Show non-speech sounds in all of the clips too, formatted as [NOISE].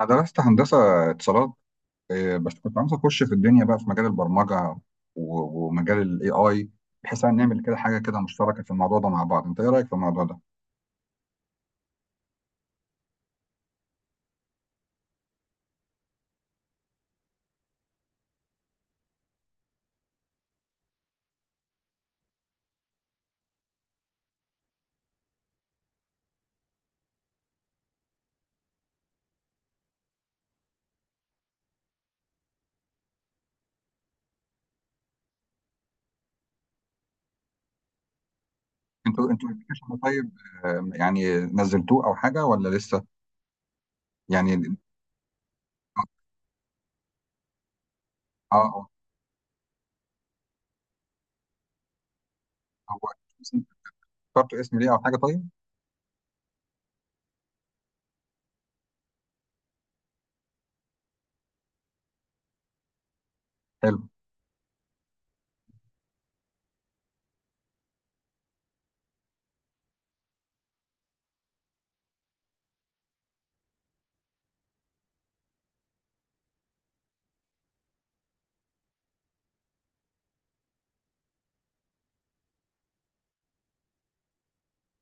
أنا درست هندسة اتصالات. إيه، بس كنت عاوز أخش في الدنيا بقى في مجال البرمجة و- ومجال ال AI، بحيث إن نعمل كده حاجة كده مشتركة في الموضوع ده مع بعض. أنت إيه رأيك في الموضوع ده؟ أنتوا الابلكيشن ده طيب، يعني نزلتوه أو حاجة ولا لسه؟ يعني. أه آه، هو اخترتوا اسم ليه أو حاجة طيب؟ حلو.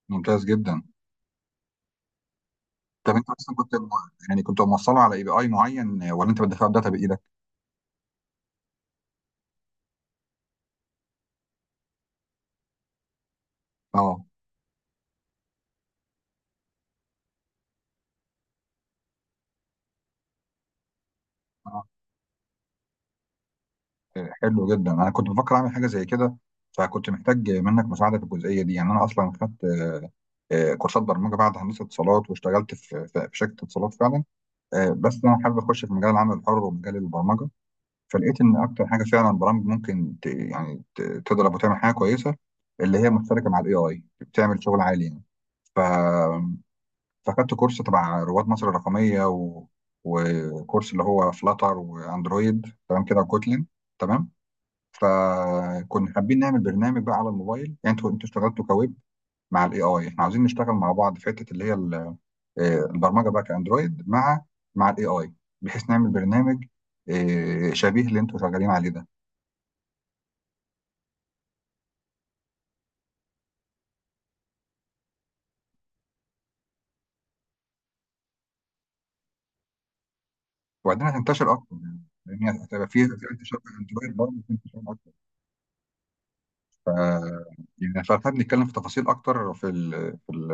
ممتاز جدا. طب أنت أصلا يعني كنت موصله على إي بي آي معين، ولا أنت بتدخله داتا بإيدك؟ أه. آه. حلو جدا، انا كنت بفكر اعمل حاجه زي كده، فكنت محتاج منك مساعده في الجزئيه دي. يعني انا اصلا خدت كورسات برمجه بعد هندسه اتصالات، واشتغلت في شركه اتصالات فعلا. بس انا حابب اخش في مجال العمل الحر ومجال البرمجه. فلقيت ان اكتر حاجه فعلا برامج ممكن تضرب وتعمل حاجه كويسه، اللي هي مشتركه مع الاي اي، بتعمل شغل عالي يعني. ف... فاخدت كورس تبع رواد مصر الرقميه، وكورس اللي هو فلاتر واندرويد، تمام كده، وكوتلين. تمام. فكنا حابين نعمل برنامج بقى على الموبايل. يعني انتوا اشتغلتوا كويب مع الاي اي، احنا عاوزين نشتغل مع بعض في حته اللي هي البرمجه بقى كاندرويد مع الاي اي، بحيث نعمل برنامج شبيه اللي انتوا شغالين عليه ده. وبعدين هتنتشر اكتر يعني، لان هتبقى في انتشار، في اندرويد برضه في انتشار اكتر. ف يعني فخلينا نتكلم في تفاصيل اكتر في ال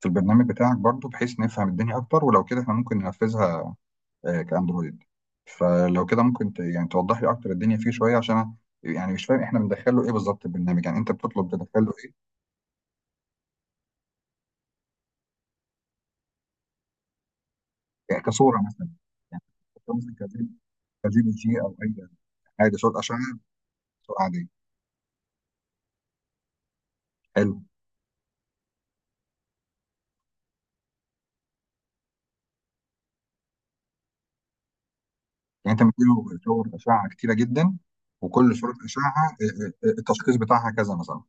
في البرنامج بتاعك برضه، بحيث نفهم الدنيا اكتر، ولو كده احنا ممكن ننفذها كاندرويد. فلو كده ممكن يعني توضح لي اكتر الدنيا فيه شويه، عشان انا يعني مش فاهم احنا بندخل له ايه بالظبط. البرنامج يعني انت بتطلب تدخل له ايه؟ يعني كصوره مثلا؟ يعني بتطلب مثلا كجي بي جي او اي حاجه، صوره اشعه، صوره عاديه. حلو. يعني انت مديله صور اشعه كتيره جدا، وكل صوره اشعه آه، التشخيص بتاعها كذا مثلا.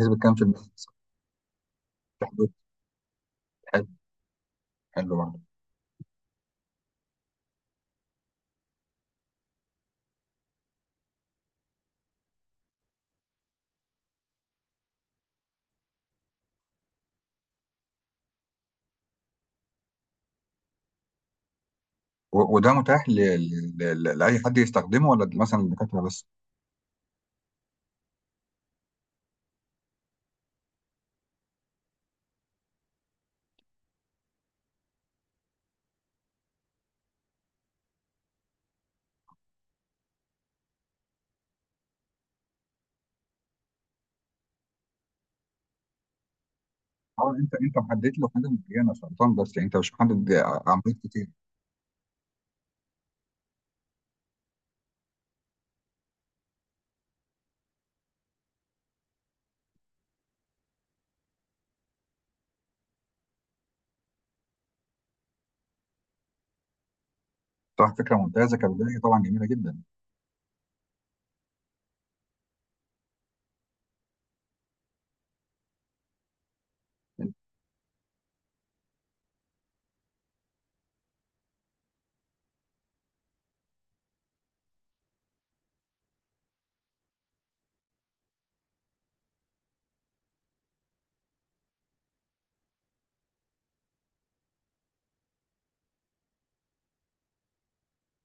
نسبه كام في المية مثلاً؟ في حدود. حلو. حلو برضه. و- وده متاح لاي حد يستخدمه، ولا مثلا للدكاتره بس؟ اه، انت محدد له حاجه معينه سرطان بس، يعني انت مش محدد. عمليات كتير. صح، فكره ممتازه كبدايه طبعا، جميله جدا.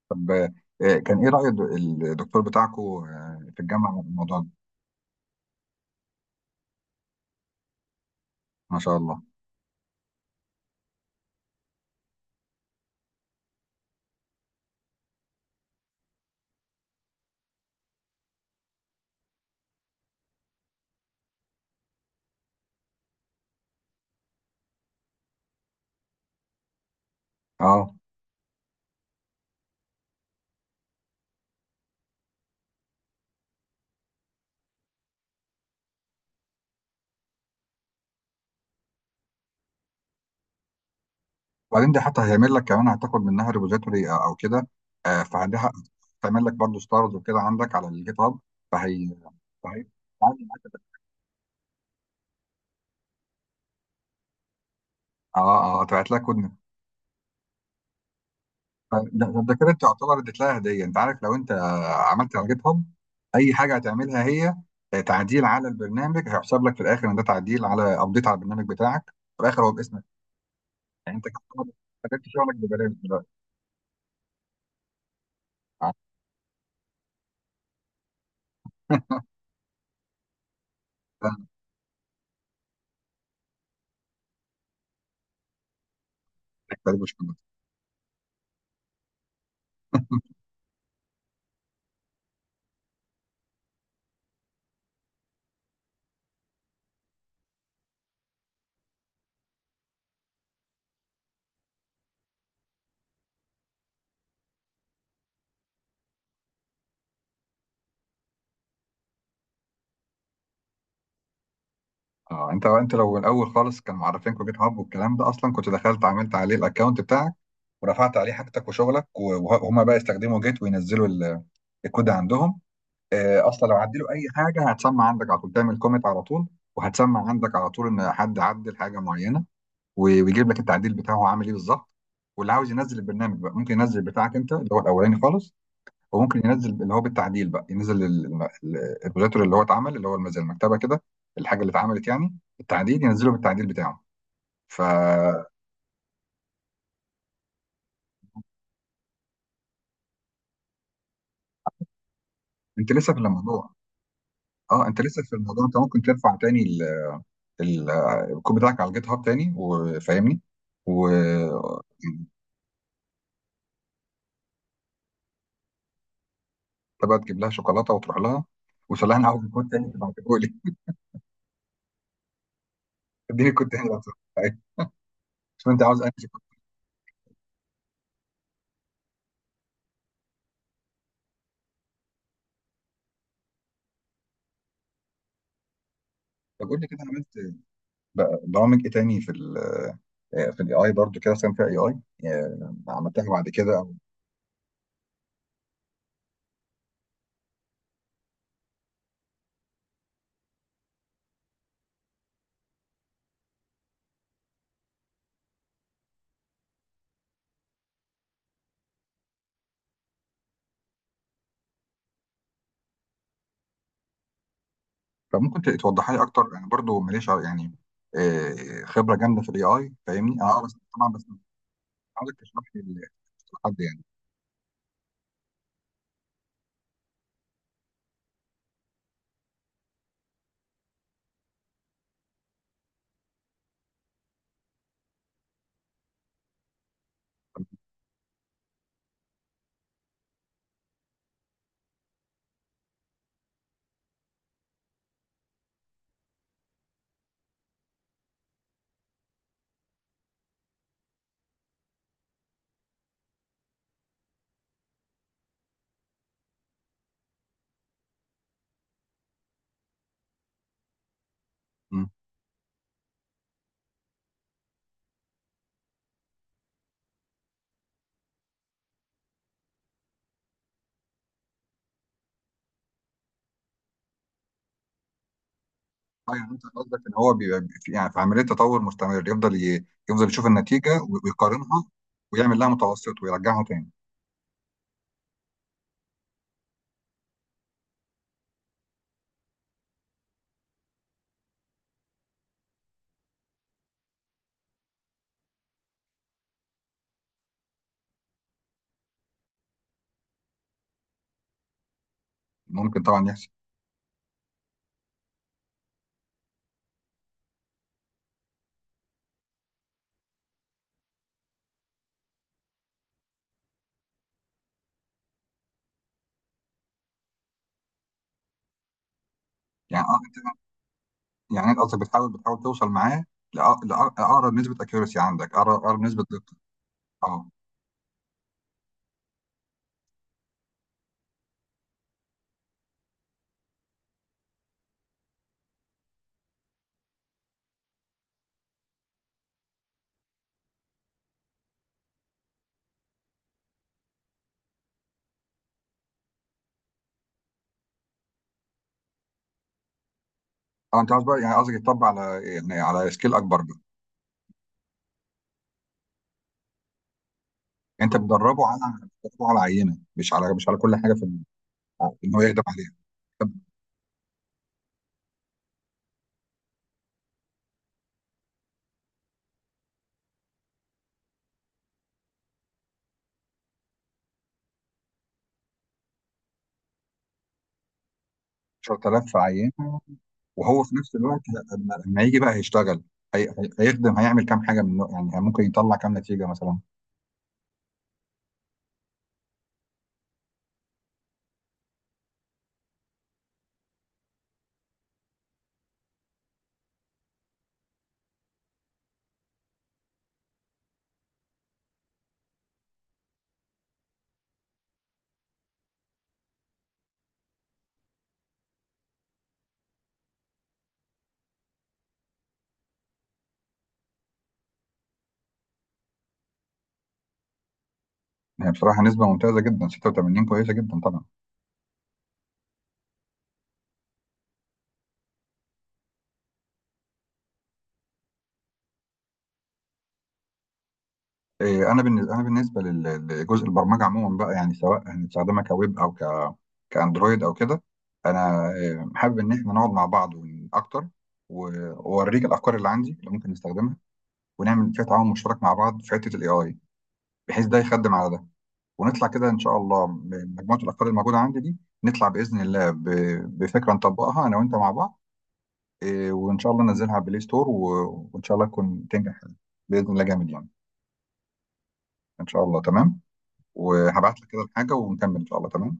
طب كان ايه راي الدكتور بتاعكو في الجامعه على الموضوع ده؟ ما شاء الله. اه، وبعدين دي حتى هيعمل لك كمان هتاخد منها ريبوزيتوري او أو كده، فعندها هتعمل لك برضه ستارز وكده عندك على الجيت هاب. فهي. فهي اه هتبعت لك كود. ده كده تعتبر اديت لها هديه، انت عارف. لو انت عملت على جيت هاب اي حاجه هتعملها هي تعديل على البرنامج، هيحسب لك في الاخر ان ده تعديل على ابديت على البرنامج بتاعك، في الاخر هو باسمك. يعني انت كتبت شغلك ببلاش دلوقتي. [LAUGHS] غريب مش كده. [LAUGHS] اه، انت لو الاول خالص كان معرفينكوا جيت هاب والكلام ده اصلا، كنت دخلت عملت عليه الاكونت بتاعك ورفعت عليه حاجتك وشغلك، و- وهما بقى يستخدموا جيت وينزلوا الكود عندهم. اصلا لو عدلوا اي حاجه هتسمع عندك على طول، تعمل كومنت على طول، وهتسمع عندك على طول ان حد عدل حاجه معينه، و- ويجيب لك التعديل بتاعه هو عامل ايه بالظبط. واللي عاوز ينزل البرنامج بقى ممكن ينزل بتاعك انت اللي هو الاولاني خالص، وممكن ينزل اللي هو بالتعديل بقى، ينزل الريبوزيتوري اللي هو اتعمل، اللي هو زي المكتبه كده، الحاجه اللي اتعملت يعني التعديل، ينزله بالتعديل بتاعه. فانت لسه في الموضوع. اه، انت لسه في الموضوع، انت ممكن ترفع تاني ال- الكود بتاعك على الجيت هاب تاني، وفاهمني. و انت بقى تجيب لها شوكولاته وتروح لها، وتقول لها انا عاوز كود تاني تبعته لي، اديني الكود تاني لو سمحت. شوف انت عاوز انهي كود. طب قول لي كده، عملت بقى برامج ايه تاني في الاي اي برضو، كده مثلا فيها اي اي، عملتها بعد كده أو- فممكن توضحها لي اكتر. انا برضو ماليش يعني خبره جامده في الاي اي، فاهمني انا اه بس طبعا. بس عاوزك تشرح لي حد يعني. امم. اه يعني انت قصدك ان هو بيبقى في يعني في عمليه تطور مستمر، يفضل يفضل يشوف النتيجه ويقارنها ويعمل لها متوسط ويرجعها تاني. ممكن طبعا يحصل. يعني اه انت، يعني انت قصدك بتحاول توصل معاه لاقرب نسبه اكيورسي عندك، اقرب نسبه دقه. اه. اه، انت قصدك بقى يعني قصدك يتطبق على يعني على سكيل اكبر بقى. انت بتدربه على عينه، مش على كل حاجه في آه، ان هو يخدم عليها. 10,000 في عينه. وهو في نفس الوقت لما يجي بقى هيشتغل، هيخدم هيعمل كام حاجه من النوع، يعني ممكن يطلع كام نتيجه مثلا. يعني بصراحه نسبه ممتازه جدا 86، كويسه جدا طبعا. إيه، انا بالنسبه لجزء البرمجه عموما بقى، يعني سواء هنستخدمها كويب او كاندرويد او كده، انا إيه، حابب ان احنا نقعد مع بعض اكتر، و- واوريك الافكار اللي عندي اللي ممكن نستخدمها، ونعمل فيها تعاون مشترك مع بعض في حته الاي اي، بحيث ده يخدم على ده، ونطلع كده ان شاء الله بمجموعه الافكار الموجوده عندي دي، نطلع باذن الله ب- بفكره نطبقها انا وانت مع بعض. إيه، وان شاء الله ننزلها على بلاي ستور، و- وان شاء الله تكون تنجح باذن الله، جامد يعني. ان شاء الله. تمام. وهبعت لك كده الحاجه ونكمل ان شاء الله. تمام.